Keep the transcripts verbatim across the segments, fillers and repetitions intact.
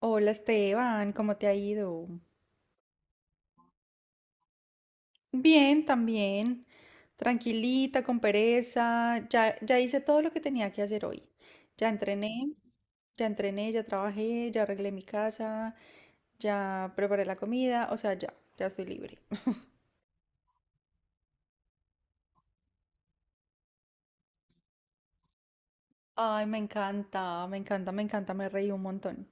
Hola Esteban, ¿cómo te ha ido? Bien, también. Tranquilita, con pereza. Ya, ya hice todo lo que tenía que hacer hoy. Ya entrené, ya entrené, ya trabajé, ya arreglé mi casa, ya preparé la comida, o sea, ya, ya estoy libre. Ay, me encanta, me encanta, me encanta, me reí un montón.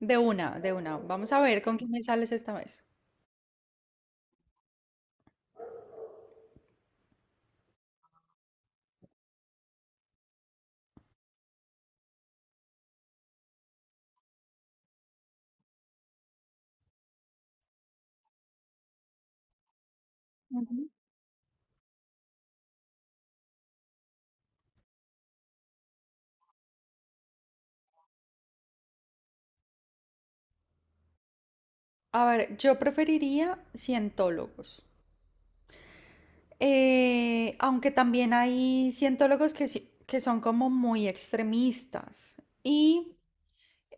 De una, de una. Vamos a ver con quién me sales esta vez. A ver, yo preferiría cientólogos. Eh, aunque también hay cientólogos que, sí- que son como muy extremistas. Y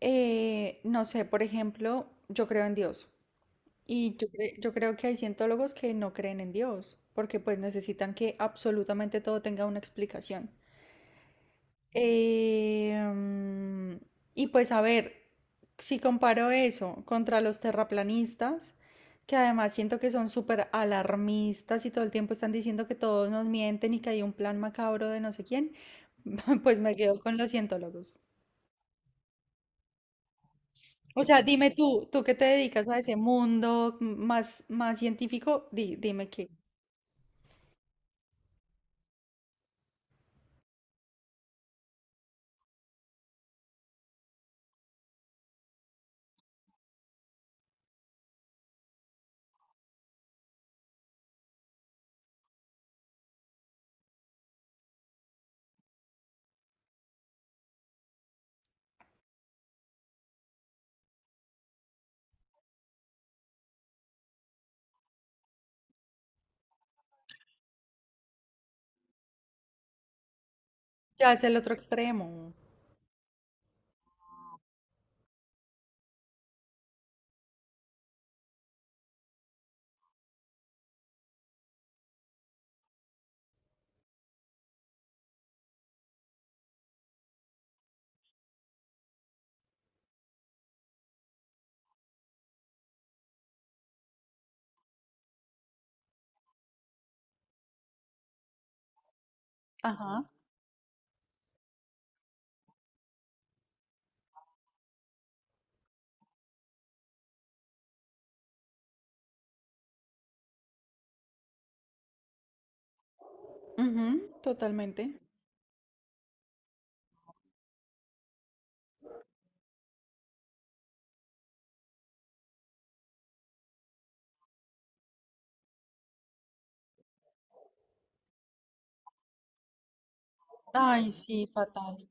eh, no sé, por ejemplo, yo creo en Dios. Y yo, cre- yo creo que hay cientólogos que no creen en Dios, porque pues necesitan que absolutamente todo tenga una explicación. Eh, mm, y pues a ver, si comparo eso contra los terraplanistas, que además siento que son súper alarmistas y todo el tiempo están diciendo que todos nos mienten y que hay un plan macabro de no sé quién, pues me quedo con los cientólogos. O sea, dime tú, tú que te dedicas a ese mundo más, más científico, di- dime qué, qué hace el otro extremo. Ajá, ujú, totalmente. Ay, sí, fatal.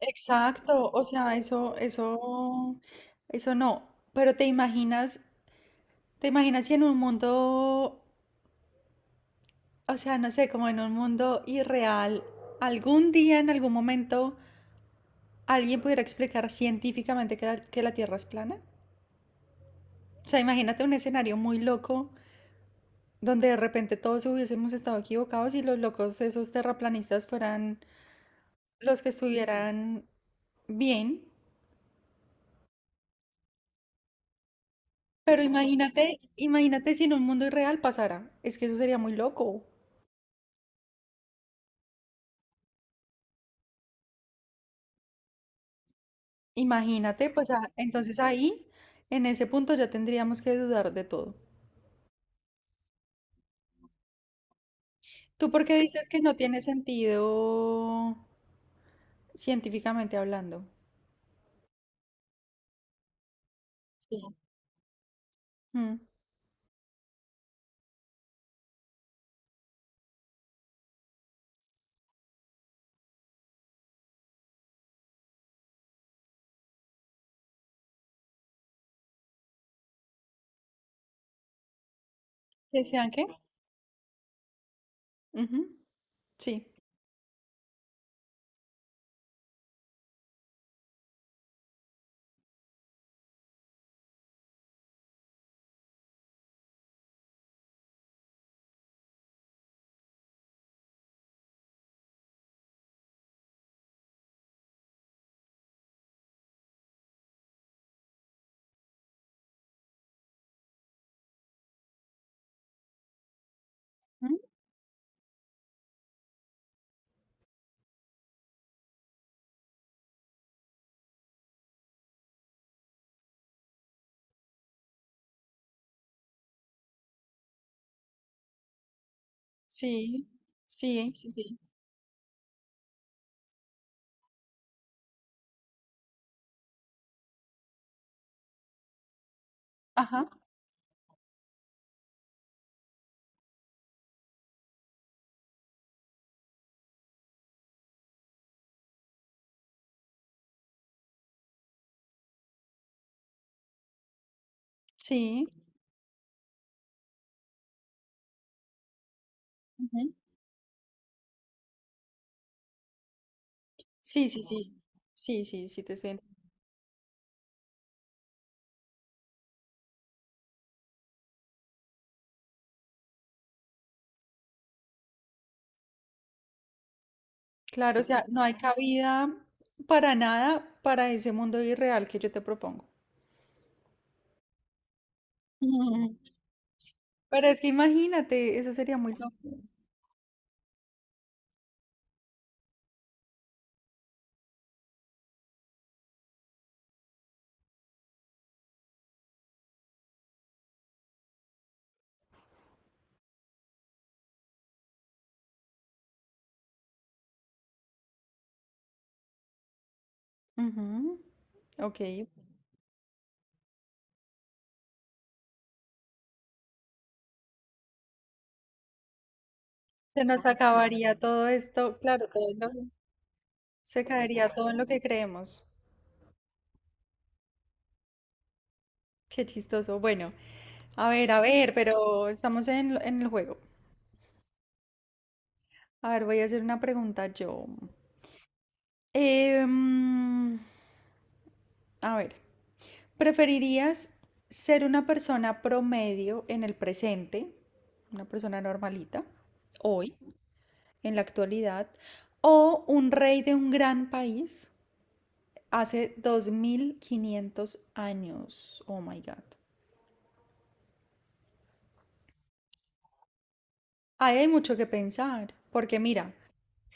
Exacto, o sea, eso, eso, eso no. Pero te imaginas, te imaginas si en un mundo, o sea, no sé, como en un mundo irreal, algún día, en algún momento, alguien pudiera explicar científicamente que la, que la Tierra es plana. O sea, imagínate un escenario muy loco donde de repente todos hubiésemos estado equivocados y los locos, esos terraplanistas, fueran los que estuvieran bien. Pero imagínate, imagínate si en un mundo irreal pasara. Es que eso sería muy loco. Imagínate, pues ah, entonces ahí, en ese punto ya tendríamos que dudar de todo. ¿Tú por qué dices que no tiene sentido científicamente hablando? Sí. Mm. ¿Que sean qué? Ujú, sí. Ujú, sí. Sí. Sí, sí. Ajá. Sí. Ujú. Sí, sí, sí. Sí, sí, sí, te estoy claro, o sea, no hay cabida para nada para ese mundo irreal que yo te propongo. Ujú. Pero es que imagínate, eso sería muy loco. Ujú, ok, se nos acabaría todo esto, claro, todo lo- se caería todo en lo que creemos. Qué chistoso. Bueno, a ver, a ver, pero estamos en, lo- en el juego. A ver, voy a hacer una pregunta yo. Em, a ver. ¿Preferirías ser una persona promedio en el presente, una persona normalita, hoy, en la actualidad, o un rey de un gran país hace dos mil quinientos años? Oh my God. Ahí hay mucho que pensar, porque mira,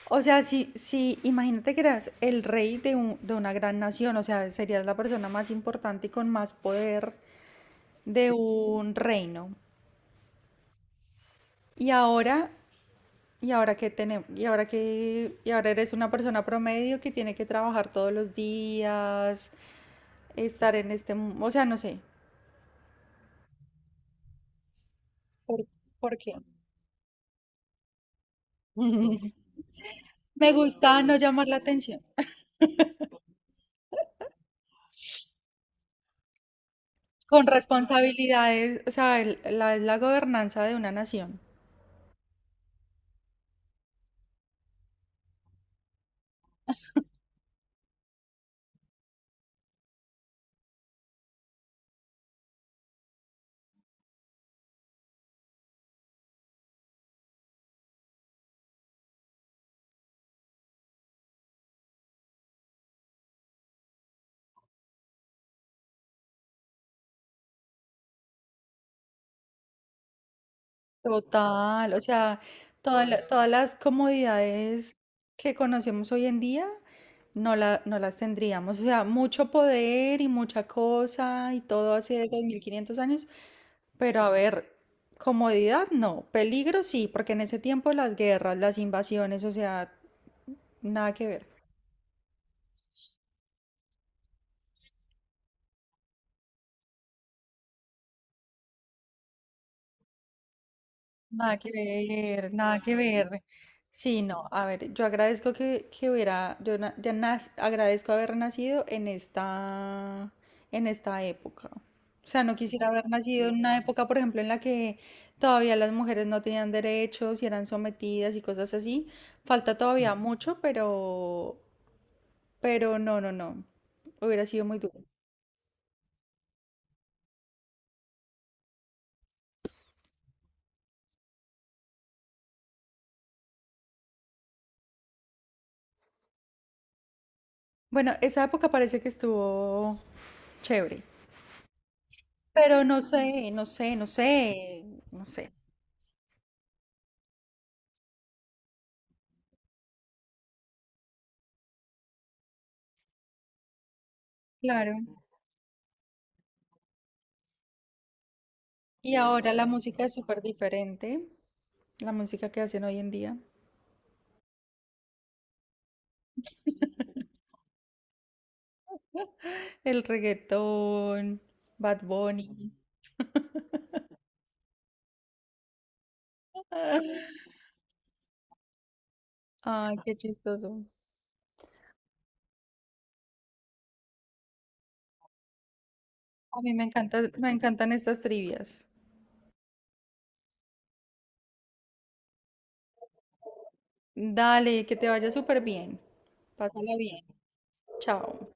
o sea, si, si imagínate que eras el rey de, un- de una gran nación, o sea, serías la persona más importante y con más poder de un reino. Y ahora y ahora que tenemos, y ahora que, y ahora eres una persona promedio que tiene que trabajar todos los días, estar en este, mu- o sea, no sé. ¿Por, por qué? Me gusta no llamar la atención. Con responsabilidades, o sea, el- la, la gobernanza de una nación. Total, o sea, toda la- todas las comodidades que conocemos hoy en día no, la, no las tendríamos. O sea, mucho poder y mucha cosa y todo hace dos mil quinientos años pero a ver, comodidad no, peligro sí, porque en ese tiempo las guerras, las invasiones, o sea, nada que ver. Nada que ver, nada que ver. Sí, no, a ver, yo agradezco que, que hubiera, yo na- ya nas- agradezco haber nacido en esta, en esta época. O sea, no quisiera haber nacido en una época, por ejemplo, en la que todavía las mujeres no tenían derechos y eran sometidas y cosas así. Falta todavía mucho, pero, Pero no, no, no. Hubiera sido muy duro. Bueno, esa época parece que estuvo chévere. Pero no sé, no sé, no sé, no sé. Claro. Y ahora la música es súper diferente. La música que hacen hoy en día. El reggaetón, Bad Bunny. Ah, ay, qué chistoso. A mí me encanta, me encantan estas trivias. Dale, que te vaya súper bien. Pásala bien. Chao.